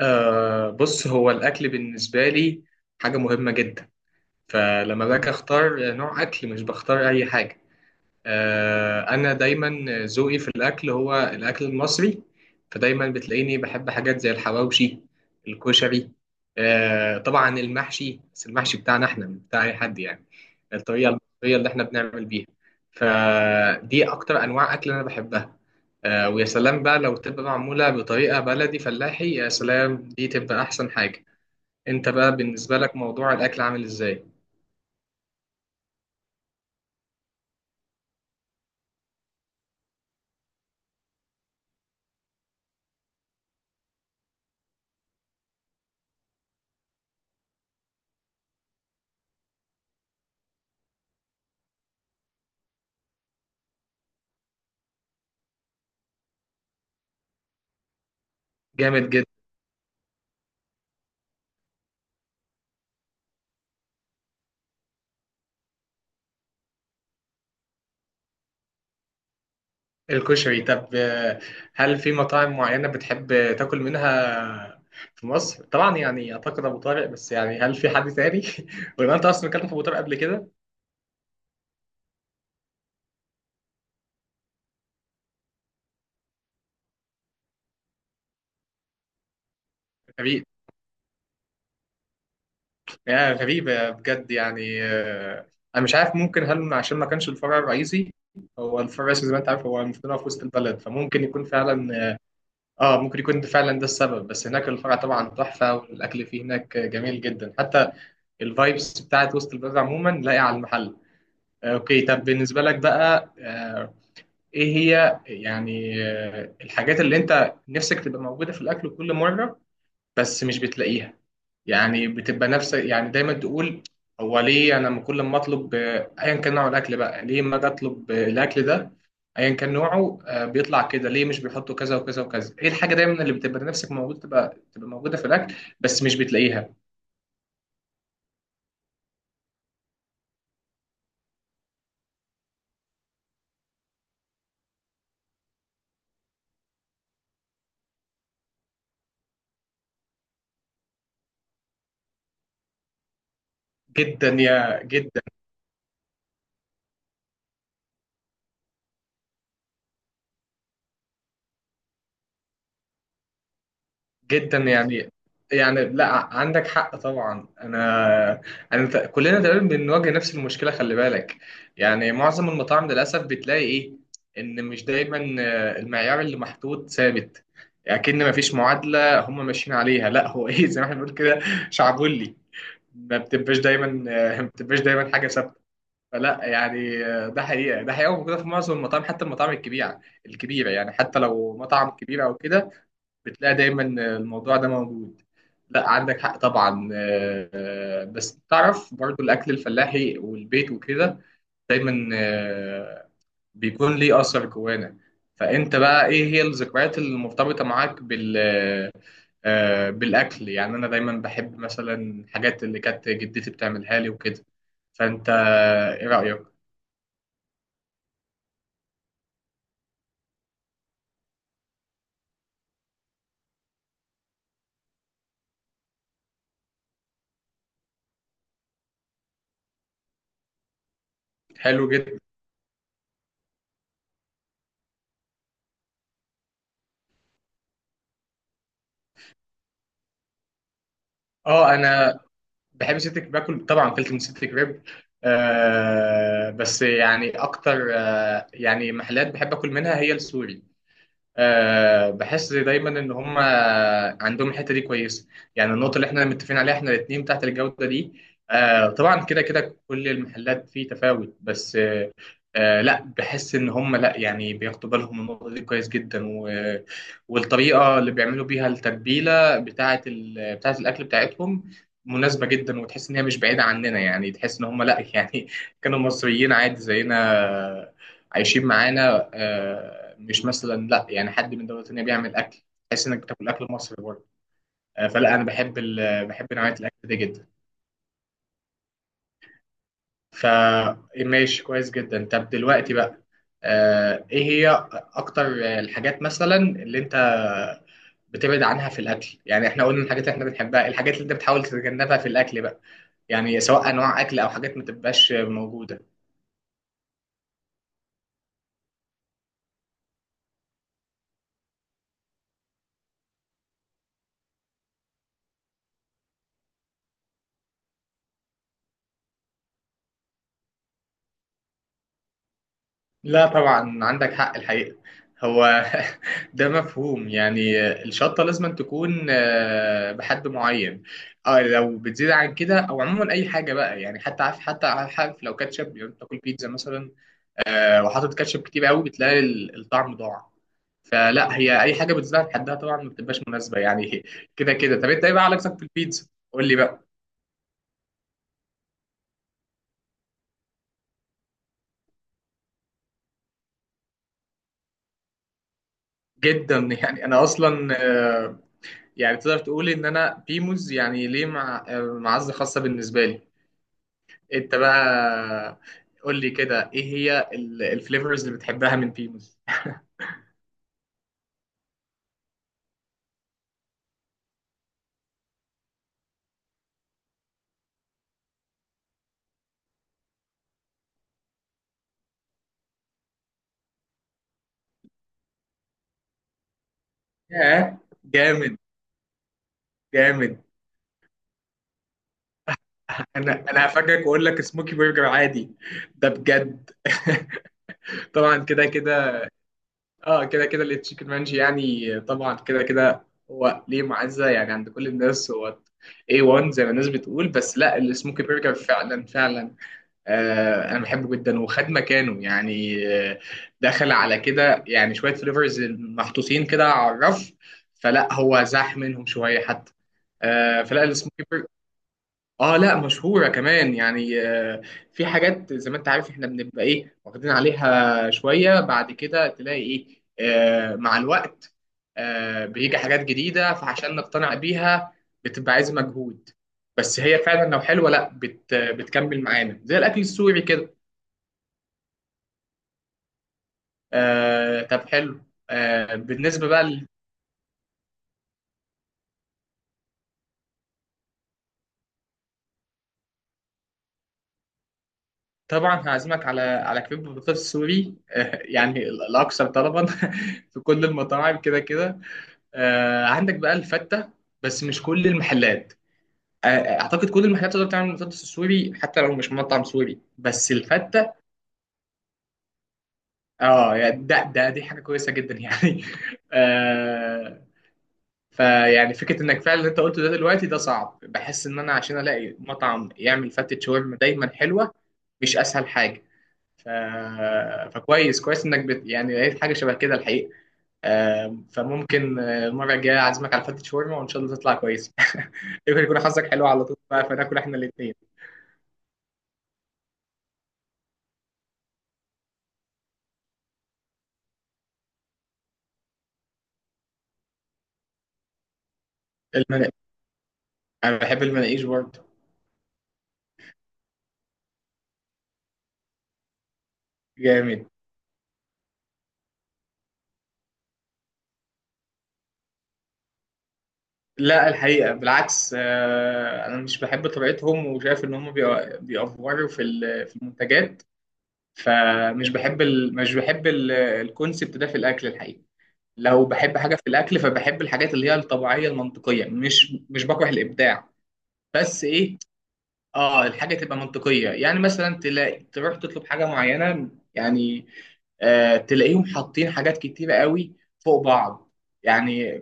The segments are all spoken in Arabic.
بص هو الأكل بالنسبة لي حاجة مهمة جدا. فلما باجي أختار نوع أكل مش بختار أي حاجة. انا دايما ذوقي في الاكل هو الاكل المصري، فدايما بتلاقيني بحب حاجات زي الحواوشي، الكشري، طبعا المحشي، بس المحشي بتاعنا احنا مش بتاع اي حد يعني الطريقه المصريه اللي احنا بنعمل بيها. فدي اكتر انواع اكل انا بحبها. ويا سلام بقى لو تبقى معموله بطريقه بلدي فلاحي، يا سلام دي تبقى احسن حاجه. انت بقى بالنسبه لك موضوع الاكل عامل ازاي؟ جامد جدا. الكشري طب هل في مطاعم معينة بتحب تاكل منها في مصر؟ طبعا يعني أعتقد أبو طارق، بس يعني هل في حد تاني؟ ولا أنت أصلا أكلت في أبو طارق قبل كده؟ غريب، يعني غريبة بجد يعني. أنا مش عارف، ممكن هل عشان ما كانش الفرع الرئيسي. هو الفرع الرئيسي زي ما أنت عارف هو المفروض إن هو في وسط البلد، فممكن يكون فعلا. آه ممكن يكون ده فعلا ده السبب. بس هناك الفرع طبعا تحفة والأكل فيه هناك جميل جدا، حتى الفايبس بتاعت وسط البلد عموما لاقية على المحل. اوكي. طب بالنسبة لك بقى ايه هي يعني الحاجات اللي انت نفسك تبقى موجودة في الاكل كل مرة بس مش بتلاقيها؟ يعني بتبقى نفس، يعني دايما تقول هو ليه انا لما كل ما اطلب ايا كان نوع الاكل بقى، ليه ما اجي اطلب الاكل ده ايا كان نوعه بيطلع كده؟ ليه مش بيحطوا كذا وكذا وكذا؟ ايه الحاجة دايما اللي بتبقى نفسك موجودة تبقى موجودة في الاكل بس مش بتلاقيها؟ جدا يا جدا. جدا يعني لا عندك حق طبعا. كلنا تقريبا بنواجه نفس المشكله، خلي بالك. يعني معظم المطاعم للاسف بتلاقي ايه، ان مش دايما المعيار اللي محطوط ثابت. اكن ما فيش معادله هم ماشيين عليها، لا هو ايه زي ما احنا بنقول كده، شعبولي. ما بتبقاش دايما ما بتبقاش دايما حاجه ثابته. فلا يعني ده حقيقه، ده حقيقه موجوده في معظم المطاعم، حتى المطاعم الكبيره. يعني حتى لو مطعم كبير او كده بتلاقي دايما الموضوع ده موجود. لا عندك حق طبعا. بس تعرف برضو الاكل الفلاحي والبيت وكده دايما بيكون ليه اثر جوانا. فانت بقى ايه هي الذكريات المرتبطه معاك بالاكل؟ يعني انا دايما بحب مثلا الحاجات اللي كانت جدتي بتعملها لي وكده. فانت ايه رايك؟ حلو جدا. اه انا بحب سيتك باكل طبعا، فلت من سيتك ريب. آه بس يعني اكتر آه يعني محلات بحب اكل منها هي السوري. أه بحس دايما ان هم عندهم الحته دي كويسه. يعني النقطه اللي احنا متفقين عليها احنا الاثنين بتاعت الجوده دي. أه طبعا كده كده كل المحلات فيه تفاوت، بس أه. أه لا بحس ان هم لا يعني بياخدوا بالهم من النقطه دي كويس جدا، و والطريقه اللي بيعملوا بيها التتبيله بتاعه الاكل بتاعتهم مناسبه جدا، وتحس ان هي مش بعيده عننا. يعني تحس ان هم لا يعني كانوا مصريين عادي زينا، عايشين معانا. مش مثلا لا يعني حد من دوله تانيه بيعمل اكل، تحس انك بتاكل اكل مصري برضه. فلا انا بحب نوعيه الاكل دي جدا. فماشي كويس جدا. طب دلوقتي بقى ايه هي اكتر الحاجات مثلا اللي انت بتبعد عنها في الاكل؟ يعني احنا قلنا الحاجات اللي احنا بنحبها، الحاجات اللي انت بتحاول تتجنبها في الاكل بقى، يعني سواء انواع اكل او حاجات ما تبقاش موجوده. لا طبعا عندك حق الحقيقة. هو ده مفهوم يعني الشطة لازم تكون بحد معين. اه لو بتزيد عن كده او عموما اي حاجة بقى يعني، حتى عارف حتى عارف لو كاتشب، لو بتاكل بيتزا مثلا وحاطط كاتشب كتير قوي بتلاقي الطعم ضاع. فلا هي اي حاجة بتزيد عن حدها طبعا ما بتبقاش مناسبة يعني كده كده. طب انت ايه بقى علاقتك في البيتزا؟ قول لي بقى. جدا يعني. انا اصلا يعني تقدر تقول ان انا بيموز يعني ليه معزه خاصه بالنسبه لي. انت بقى قول لي كده ايه هي الفليفرز اللي بتحبها من بيموز؟ ياه. جامد. جامد. انا هفاجئك واقول لك سموكي برجر عادي. ده بجد. طبعا كده كده. اه كده كده التشيكن مانجي يعني طبعا كده كده، هو ليه معزه يعني عند كل الناس، هو A1 زي ما الناس بتقول. بس لا السموكي برجر فعلا فعلا انا بحبه جدا وخد مكانه يعني. آه، دخل على كده يعني شويه فليفرز محطوطين كده على الرف، فلا هو زاح منهم شويه حتى فلا السموكي برجر. اه لا مشهوره كمان يعني في حاجات زي ما انت عارف احنا بنبقى ايه واخدين عليها شويه، بعد كده تلاقي ايه مع الوقت بيجي حاجات جديده، فعشان نقتنع بيها بتبقى عايز مجهود. بس هي فعلا لو حلوه لا بتكمل معانا زي الاكل السوري كده. آه طب حلو. آه بالنسبة بقى طبعا هعزمك على كريب بطاطس سوري، آه يعني الأكثر طلبا في كل المطاعم كده كده. آه عندك بقى الفتة، بس مش كل المحلات. آه أعتقد كل المحلات تقدر تعمل بطاطس سوري حتى لو مش مطعم سوري، بس الفتة. اه يعني ده دي حاجة كويسة جدا يعني. آه فيعني فكرة انك فعلا اللي انت قلته ده دلوقتي ده صعب. بحس ان انا عشان الاقي مطعم يعمل فتة شاورما دايما حلوة مش اسهل حاجة. ف... فكويس، يعني لقيت حاجة شبه كده الحقيقة. فممكن المرة الجاية أعزمك على فتة شاورما، وإن شاء الله تطلع كويسة يمكن يكون حظك حلو على طول بقى، فناكل إحنا الاتنين. المناقيش. أنا بحب المناقيش برضه. جامد. لا الحقيقة بالعكس أنا مش بحب طريقتهم، وشايف إن هم بيأفوروا في المنتجات. فمش بحب ال... مش بحب ال... الكونسبت ده في الاكل الحقيقي. لو بحب حاجه في الاكل فبحب الحاجات اللي هي الطبيعيه المنطقيه، مش بكره الابداع. بس ايه. اه الحاجه تبقى منطقيه يعني، مثلا تلاقي تروح تطلب حاجه معينه يعني آه تلاقيهم حاطين حاجات كتيره قوي فوق بعض. يعني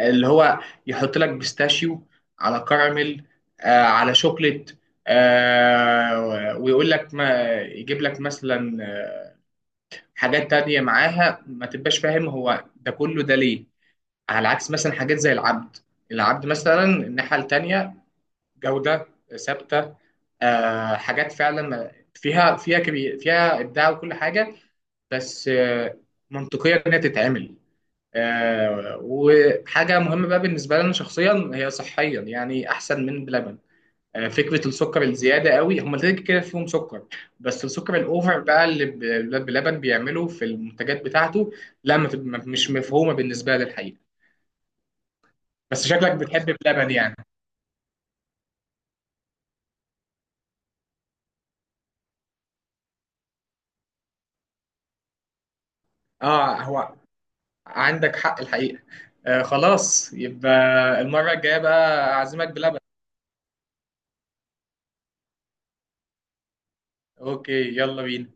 اللي هو يحط لك بيستاشيو على كراميل، آه على شوكليت، آه ويقول لك ما يجيب لك مثلا حاجات تانية معاها، ما تبقاش فاهم هو ده كله ده ليه. على عكس مثلا حاجات زي العبد. العبد مثلا الناحية التانية، جودة ثابتة، آه حاجات فعلا فيها فيها كبير، فيها إبداع وكل حاجة، بس آه منطقية إنها تتعمل. آه وحاجة مهمة بقى بالنسبة لنا شخصيا هي صحيا، يعني أحسن من بلبن. فكره السكر الزياده قوي، هم كده كده فيهم سكر، بس السكر الاوفر بقى اللي الولاد بلبن بيعمله في المنتجات بتاعته، لا ما تب- ما- مش مفهومه بالنسبه لي الحقيقه. بس شكلك بتحب بلبن يعني. اه هو عندك حق الحقيقه. خلاص، يبقى المره الجايه بقى اعزمك بلبن. اوكي. يلا بينا.